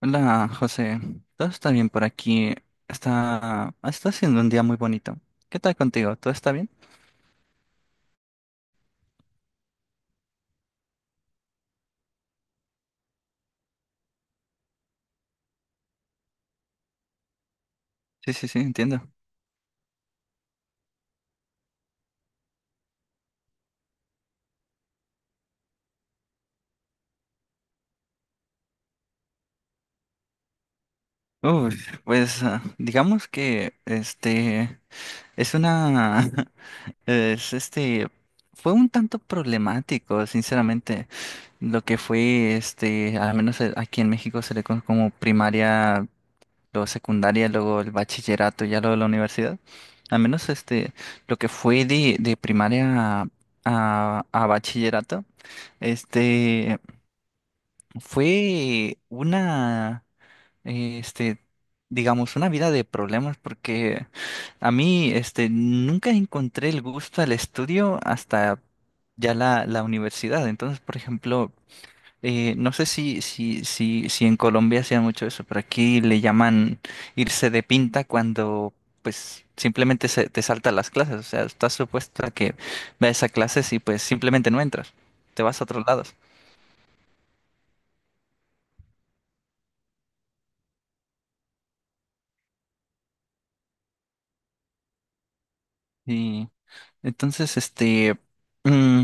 Hola, José. ¿Todo está bien por aquí? Está siendo un día muy bonito. ¿Qué tal contigo? ¿Todo está bien? Sí, sí, sí, entiendo. Uy, pues digamos que este es una es este fue un tanto problemático, sinceramente, lo que fue al menos aquí en México se le conoce como primaria, luego secundaria, luego el bachillerato y ya luego la universidad. Al menos lo que fue de primaria a bachillerato, este, fue eh, este, digamos, una vida de problemas porque a mí, nunca encontré el gusto al estudio hasta ya la universidad. Entonces, por ejemplo, no sé si en Colombia hacían mucho eso, pero aquí le llaman irse de pinta cuando pues simplemente se te saltan las clases. O sea, estás supuesto a que vayas a clases y pues simplemente no entras. Te vas a otros lados. Y Entonces, mm,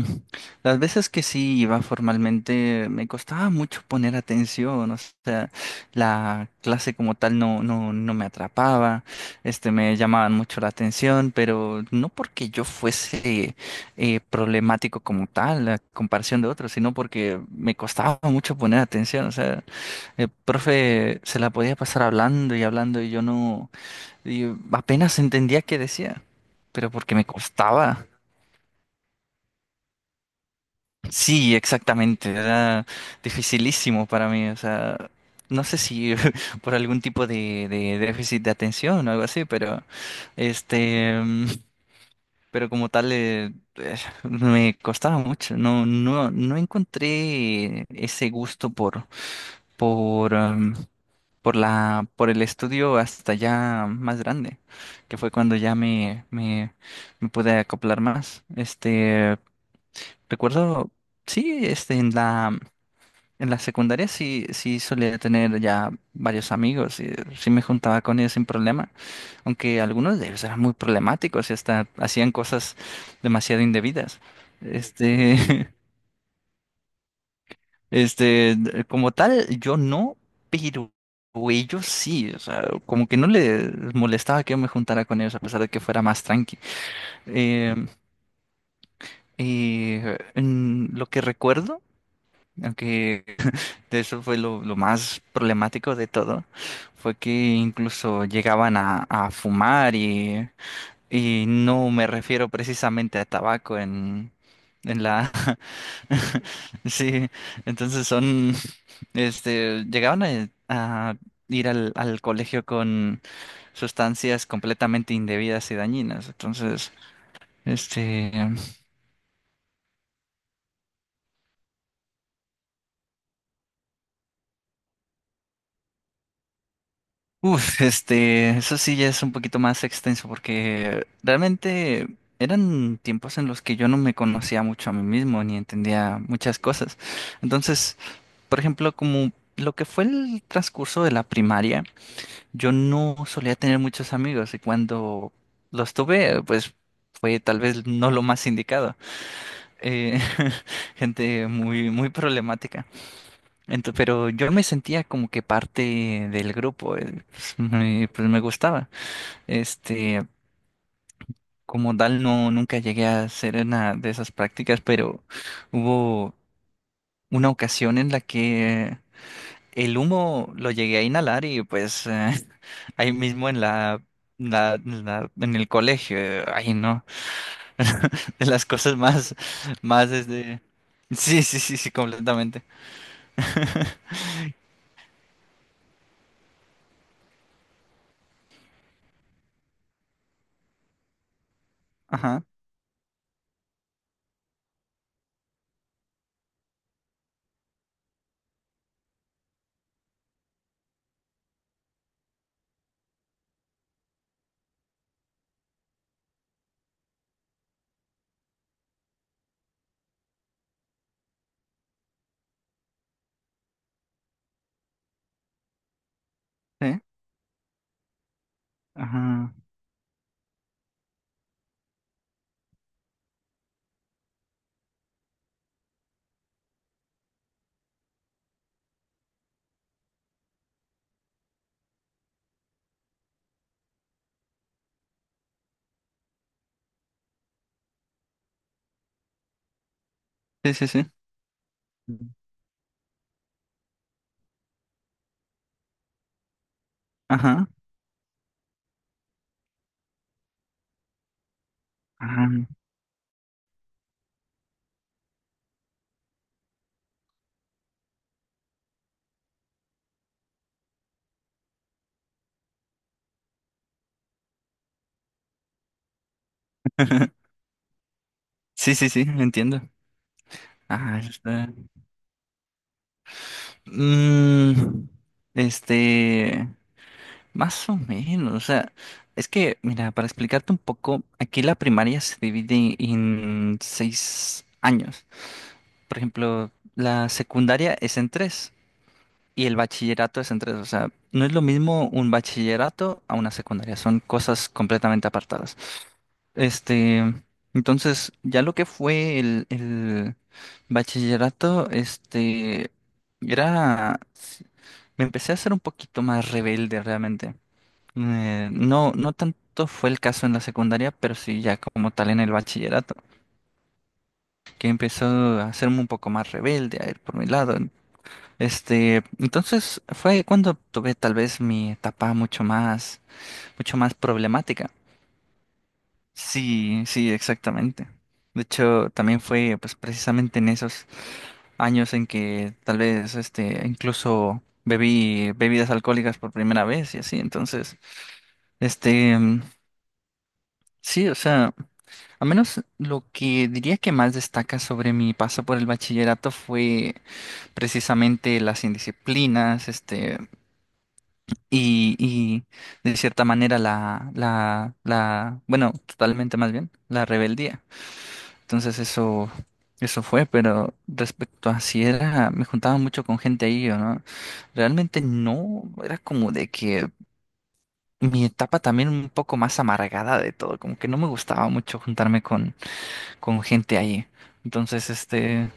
las veces que sí iba formalmente me costaba mucho poner atención, o sea, la clase como tal no me atrapaba, me llamaban mucho la atención, pero no porque yo fuese problemático como tal, a comparación de otros, sino porque me costaba mucho poner atención, o sea, el profe se la podía pasar hablando y hablando y yo no, y apenas entendía qué decía, pero porque me costaba. Sí, exactamente. Era dificilísimo para mí. O sea, no sé si por algún tipo de déficit de atención o algo así, pero este, mm, pero como tal me costaba mucho. No, no encontré ese gusto por por por el estudio hasta ya más grande, que fue cuando ya me pude acoplar más. Recuerdo, sí, en la secundaria sí, sí solía tener ya varios amigos y sí me juntaba con ellos sin problema, aunque algunos de ellos eran muy problemáticos y hasta hacían cosas demasiado indebidas. Este, este, como tal, yo no, pero ellos sí, o sea, como que no les molestaba que yo me juntara con ellos a pesar de que fuera más tranqui. Eh, en lo que recuerdo, aunque eso fue lo más problemático de todo, fue que incluso llegaban a fumar y no me refiero precisamente a tabaco en la... Sí, entonces son, llegaban a ir al colegio con sustancias completamente indebidas y dañinas, entonces, este... Uf, eso sí ya es un poquito más extenso porque realmente eran tiempos en los que yo no me conocía mucho a mí mismo ni entendía muchas cosas. Entonces, por ejemplo, como lo que fue el transcurso de la primaria, yo no solía tener muchos amigos y cuando los tuve, pues fue tal vez no lo más indicado. Eh, gente muy, muy problemática. Pero yo me sentía como que parte del grupo, pues me gustaba. Este, como tal, no, nunca llegué a hacer una de esas prácticas, pero hubo una ocasión en la que el humo lo llegué a inhalar y pues ahí mismo en la, en el colegio, ay no, de las cosas más, más desde... Sí, sí, sí, sí, completamente. Ajá, sí, ajá, sí, sí, sí. Ajá, ajá. Sí, sí, sí, entiendo. Ah, eso está. Mm, este, más o menos, o sea, es que, mira, para explicarte un poco, aquí la primaria se divide en 6 años. Por ejemplo, la secundaria es en tres y el bachillerato es en tres. O sea, no es lo mismo un bachillerato a una secundaria, son cosas completamente apartadas. Este, entonces, ya lo que fue el bachillerato, era, me empecé a ser un poquito más rebelde realmente. No, no tanto fue el caso en la secundaria, pero sí ya como tal en el bachillerato, que empezó a hacerme un poco más rebelde, a ir por mi lado. Entonces fue cuando tuve tal vez mi etapa mucho más problemática. Sí, sí, exactamente. De hecho, también fue pues precisamente en esos años en que tal vez incluso bebí bebidas alcohólicas por primera vez y así. Entonces, este mm, sí, o sea, a menos lo que diría que más destaca sobre mi paso por el bachillerato fue precisamente las indisciplinas, y de cierta manera totalmente más bien, la rebeldía. Entonces eso fue, pero respecto a si era, me juntaba mucho con gente ahí o no, realmente no, era como de que mi etapa también un poco más amargada de todo, como que no me gustaba mucho juntarme con gente ahí. Entonces,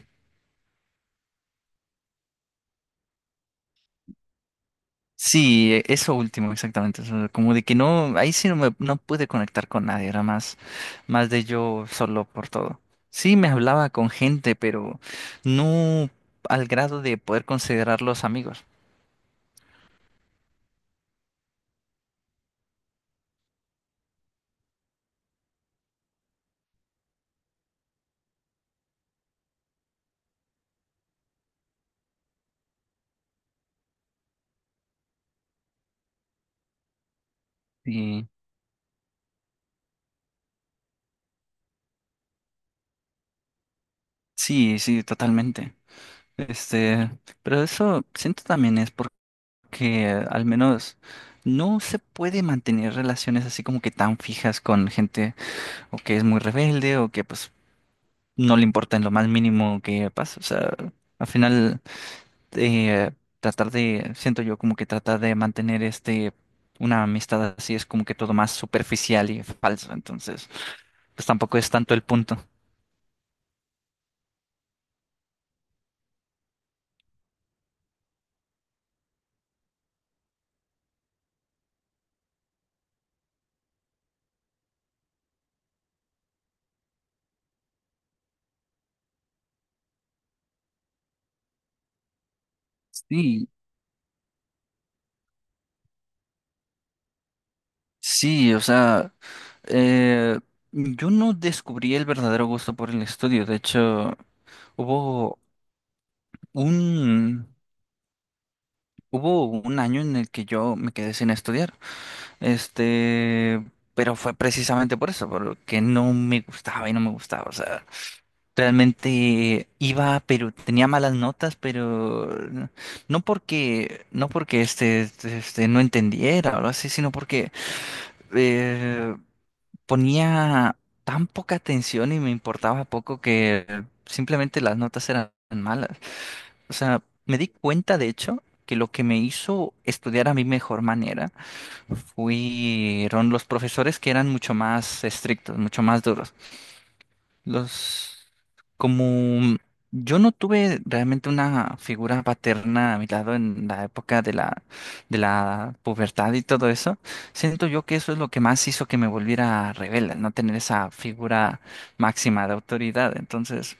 sí, eso último, exactamente, eso, como de que no, ahí sí no pude conectar con nadie, era más, más de yo solo por todo. Sí, me hablaba con gente, pero no al grado de poder considerarlos amigos. Sí, sí, sí, totalmente. Este, pero eso siento también es porque al menos no se puede mantener relaciones así como que tan fijas con gente o que es muy rebelde o que pues no le importa en lo más mínimo que pasa. O sea, al final eh, siento yo como que tratar de mantener una amistad así es como que todo más superficial y falso. Entonces, pues tampoco es tanto el punto. Sí, sí, o sea, eh, yo no descubrí el verdadero gusto por el estudio. De hecho, hubo un, hubo un año en el que yo me quedé sin estudiar. Este, pero fue precisamente por eso, porque no me gustaba y no me gustaba. O sea, realmente iba, pero tenía malas notas, pero no porque no entendiera o algo así, sino porque eh, ponía tan poca atención y me importaba poco que simplemente las notas eran malas. O sea, me di cuenta, de hecho, que lo que me hizo estudiar a mi mejor manera fueron los profesores que eran mucho más estrictos, mucho más duros. Los, como yo no tuve realmente una figura paterna a mi lado en la época de la pubertad y todo eso, siento yo que eso es lo que más hizo que me volviera rebelde, no tener esa figura máxima de autoridad. Entonces,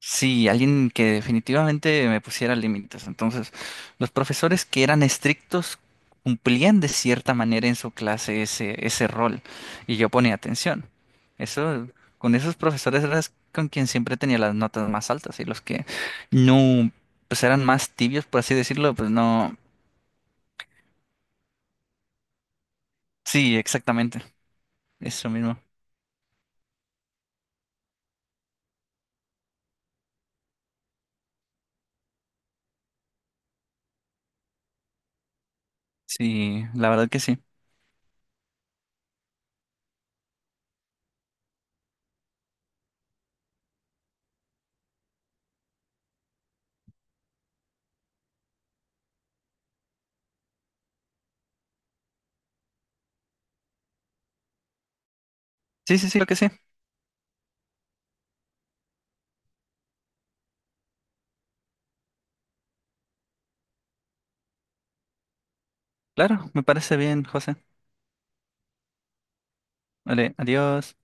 sí, alguien que definitivamente me pusiera límites. Entonces, los profesores que eran estrictos cumplían de cierta manera en su clase ese rol y yo ponía atención. Eso, con esos profesores eras con quien siempre tenía las notas más altas y los que no, pues eran más tibios, por así decirlo, pues no. Sí, exactamente. Eso mismo. Sí, la verdad que sí. Sí, sí, sí, creo que sí. Claro, me parece bien, José. Vale, adiós.